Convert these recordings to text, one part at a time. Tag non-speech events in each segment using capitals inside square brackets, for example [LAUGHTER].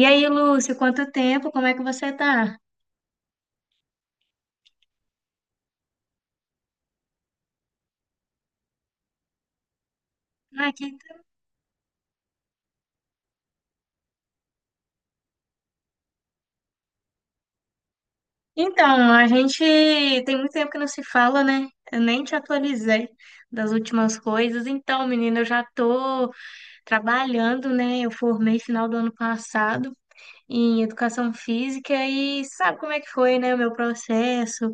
E aí, Lúcio, quanto tempo? Como é que você tá? Ah, que- Então, a gente tem muito tempo que não se fala, né? Eu nem te atualizei das últimas coisas. Então, menina, eu já tô trabalhando, né? Eu formei final do ano passado em educação física e sabe como é que foi, né, o meu processo,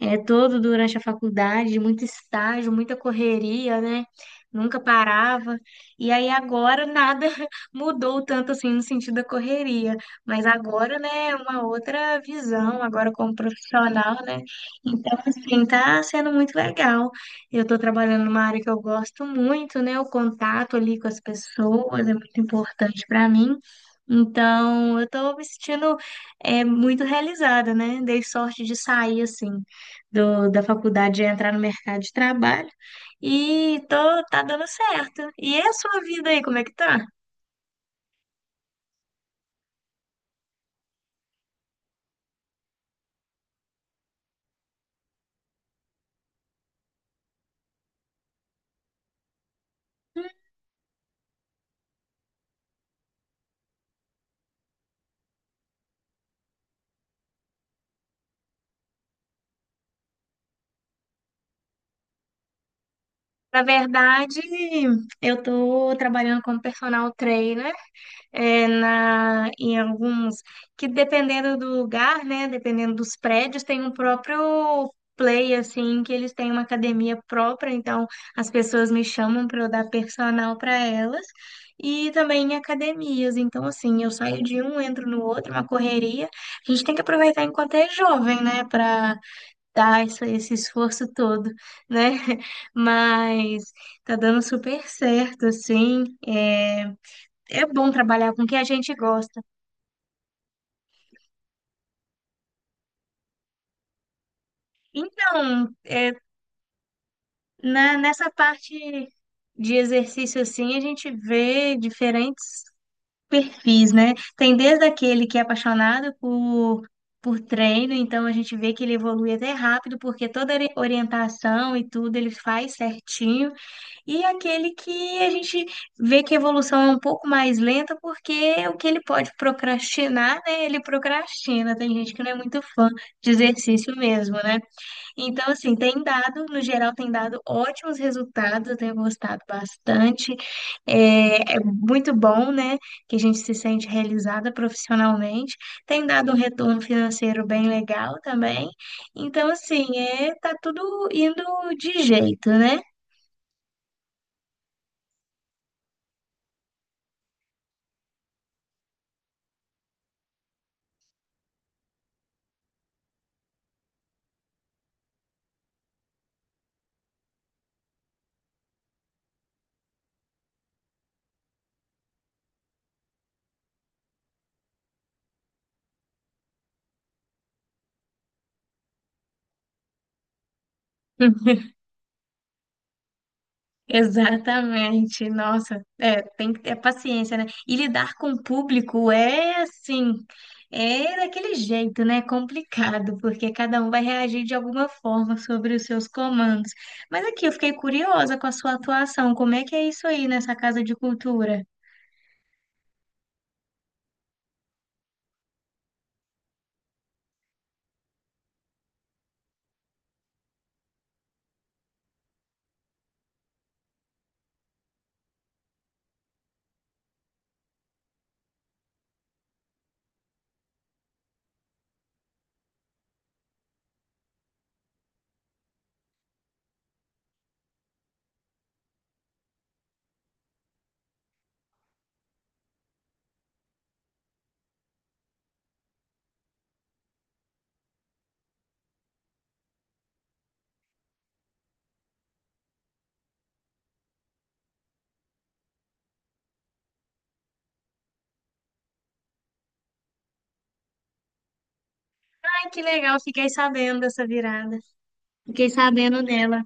todo durante a faculdade, muito estágio, muita correria, né? Nunca parava. E aí agora nada [LAUGHS] mudou tanto assim no sentido da correria, mas agora, né, é uma outra visão, agora como profissional, né? Então, assim, tá sendo muito legal. Eu tô trabalhando numa área que eu gosto muito, né? O contato ali com as pessoas é muito importante para mim. Então, eu tô me sentindo muito realizada, né? Dei sorte de sair, assim, da faculdade e entrar no mercado de trabalho. E tô, tá dando certo. E é a sua vida aí, como é que tá? Na verdade, eu tô trabalhando como personal trainer em alguns, que dependendo do lugar, né, dependendo dos prédios, tem um próprio play, assim, que eles têm uma academia própria, então as pessoas me chamam para eu dar personal para elas, e também em academias, então assim, eu saio de um, entro no outro, uma correria, a gente tem que aproveitar enquanto é jovem, né, para dar esse esforço todo, né, [LAUGHS] mas tá dando super certo, assim, é bom trabalhar com o que a gente gosta. Então, é, nessa parte de exercício, assim, a gente vê diferentes perfis, né? Tem desde aquele que é apaixonado por treino, então a gente vê que ele evolui até rápido, porque toda orientação e tudo ele faz certinho. E aquele que a gente vê que a evolução é um pouco mais lenta, porque o que ele pode procrastinar, né? Ele procrastina. Tem gente que não é muito fã de exercício mesmo, né? Então, assim, tem dado, no geral, tem dado ótimos resultados, eu tenho gostado bastante. É, é muito bom, né, que a gente se sente realizada profissionalmente. Tem dado um retorno financeiro bem legal também. Então, assim, é, tá tudo indo de jeito, né? Exatamente, nossa, é, tem que ter paciência, né? E lidar com o público é assim, é daquele jeito, né? Complicado, porque cada um vai reagir de alguma forma sobre os seus comandos. Mas aqui eu fiquei curiosa com a sua atuação, como é que é isso aí nessa casa de cultura? Ai, que legal, fiquei sabendo dessa virada, fiquei sabendo dela.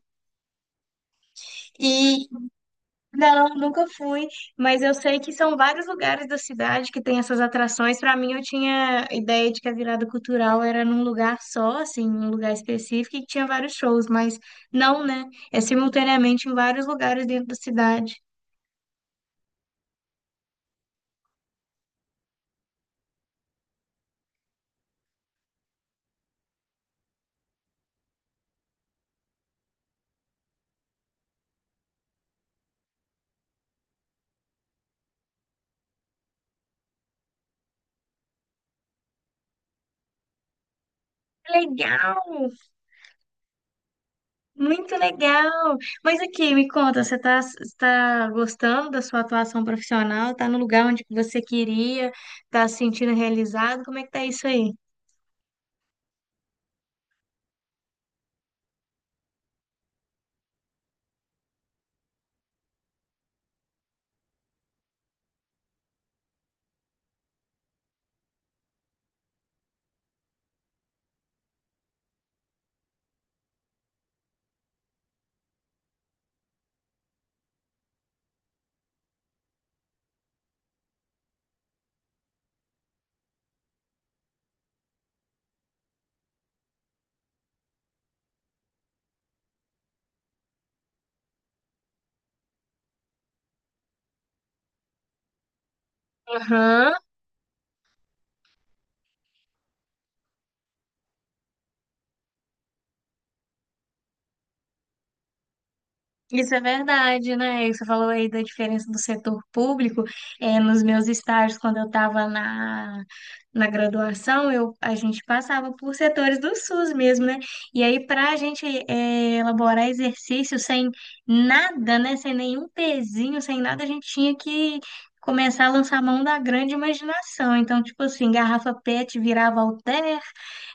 Não, nunca fui, mas eu sei que são vários lugares da cidade que tem essas atrações. Para mim, eu tinha ideia de que a virada cultural era num lugar só, assim, num lugar específico, e que tinha vários shows, mas não, né? É simultaneamente em vários lugares dentro da cidade. Legal! Muito legal! Mas aqui, me conta, você está gostando da sua atuação profissional? Está no lugar onde você queria? Está se sentindo realizado? Como é que tá isso aí? Aham. Isso é verdade, né? Você falou aí da diferença do setor público. É, nos meus estágios, quando eu estava na graduação, eu, a gente passava por setores do SUS mesmo, né? E aí, para a gente é, elaborar exercício sem nada, né? Sem nenhum pezinho, sem nada, a gente tinha que começar a lançar mão da grande imaginação. Então, tipo assim, garrafa PET virava halter,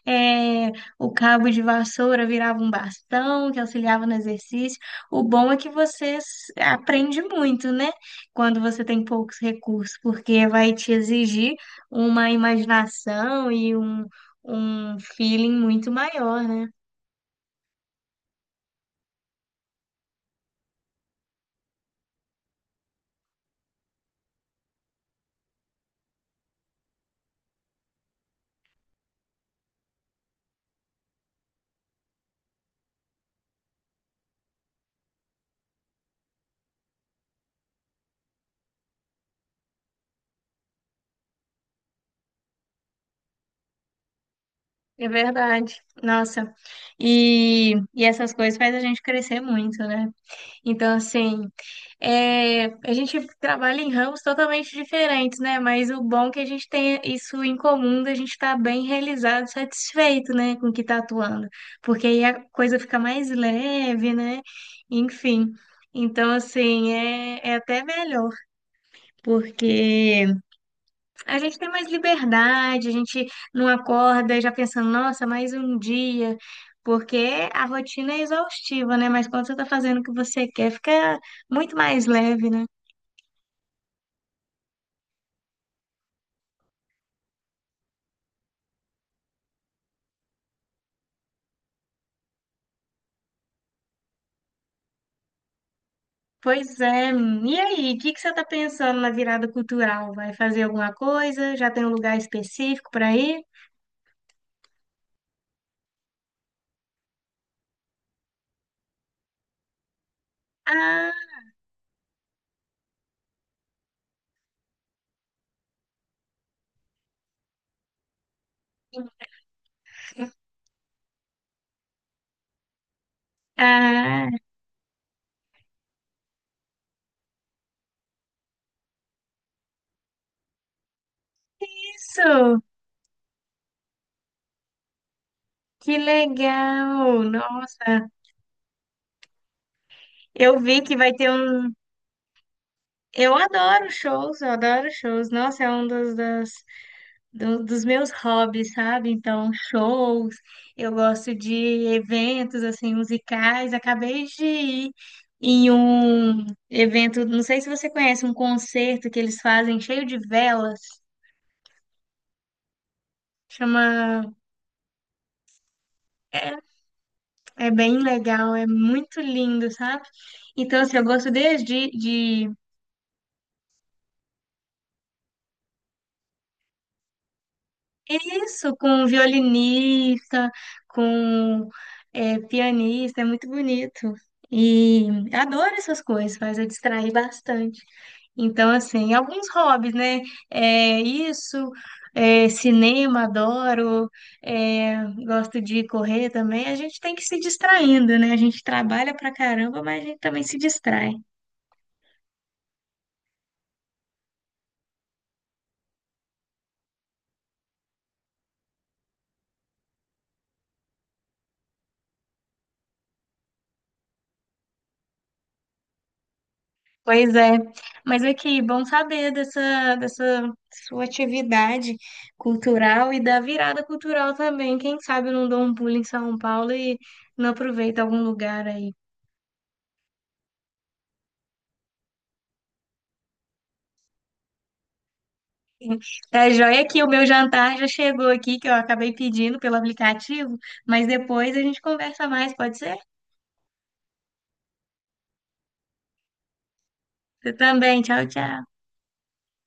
é, o cabo de vassoura virava um bastão que auxiliava no exercício. O bom é que você aprende muito, né? Quando você tem poucos recursos, porque vai te exigir uma imaginação e um feeling muito maior, né? É verdade. Nossa. E essas coisas faz a gente crescer muito, né? Então, assim, é, a gente trabalha em ramos totalmente diferentes, né? Mas o bom é que a gente tem isso em comum, da gente estar bem realizado, satisfeito, né, com o que está atuando. Porque aí a coisa fica mais leve, né? Enfim. Então, assim, é até melhor, porque a gente tem mais liberdade, a gente não acorda já pensando, nossa, mais um dia, porque a rotina é exaustiva, né? Mas quando você tá fazendo o que você quer, fica muito mais leve, né? Pois é. E aí, o que que você tá pensando na virada cultural? Vai fazer alguma coisa? Já tem um lugar específico para ir? Ah, ah, isso! Que legal! Nossa, eu vi que vai ter um. Eu adoro shows, eu adoro shows. Nossa, é um dos meus hobbies, sabe? Então, shows, eu gosto de eventos assim musicais. Acabei de ir em um evento, não sei se você conhece, um concerto que eles fazem cheio de velas. Chama, é bem legal, é muito lindo, sabe? Então, assim, eu gosto desde de isso com violinista, com é, pianista, é muito bonito. E adoro essas coisas, faz eu distrair bastante. Então, assim, alguns hobbies, né? É isso, é cinema, adoro, é, gosto de correr também. A gente tem que se distraindo, né? A gente trabalha pra caramba, mas a gente também se distrai. Pois é. Mas aqui, bom saber dessa sua atividade cultural e da virada cultural também. Quem sabe eu não dou um pulo em São Paulo e não aproveito algum lugar aí. Tá joia que o meu jantar já chegou aqui, que eu acabei pedindo pelo aplicativo, mas depois a gente conversa mais, pode ser? Você também, tchau, tchau.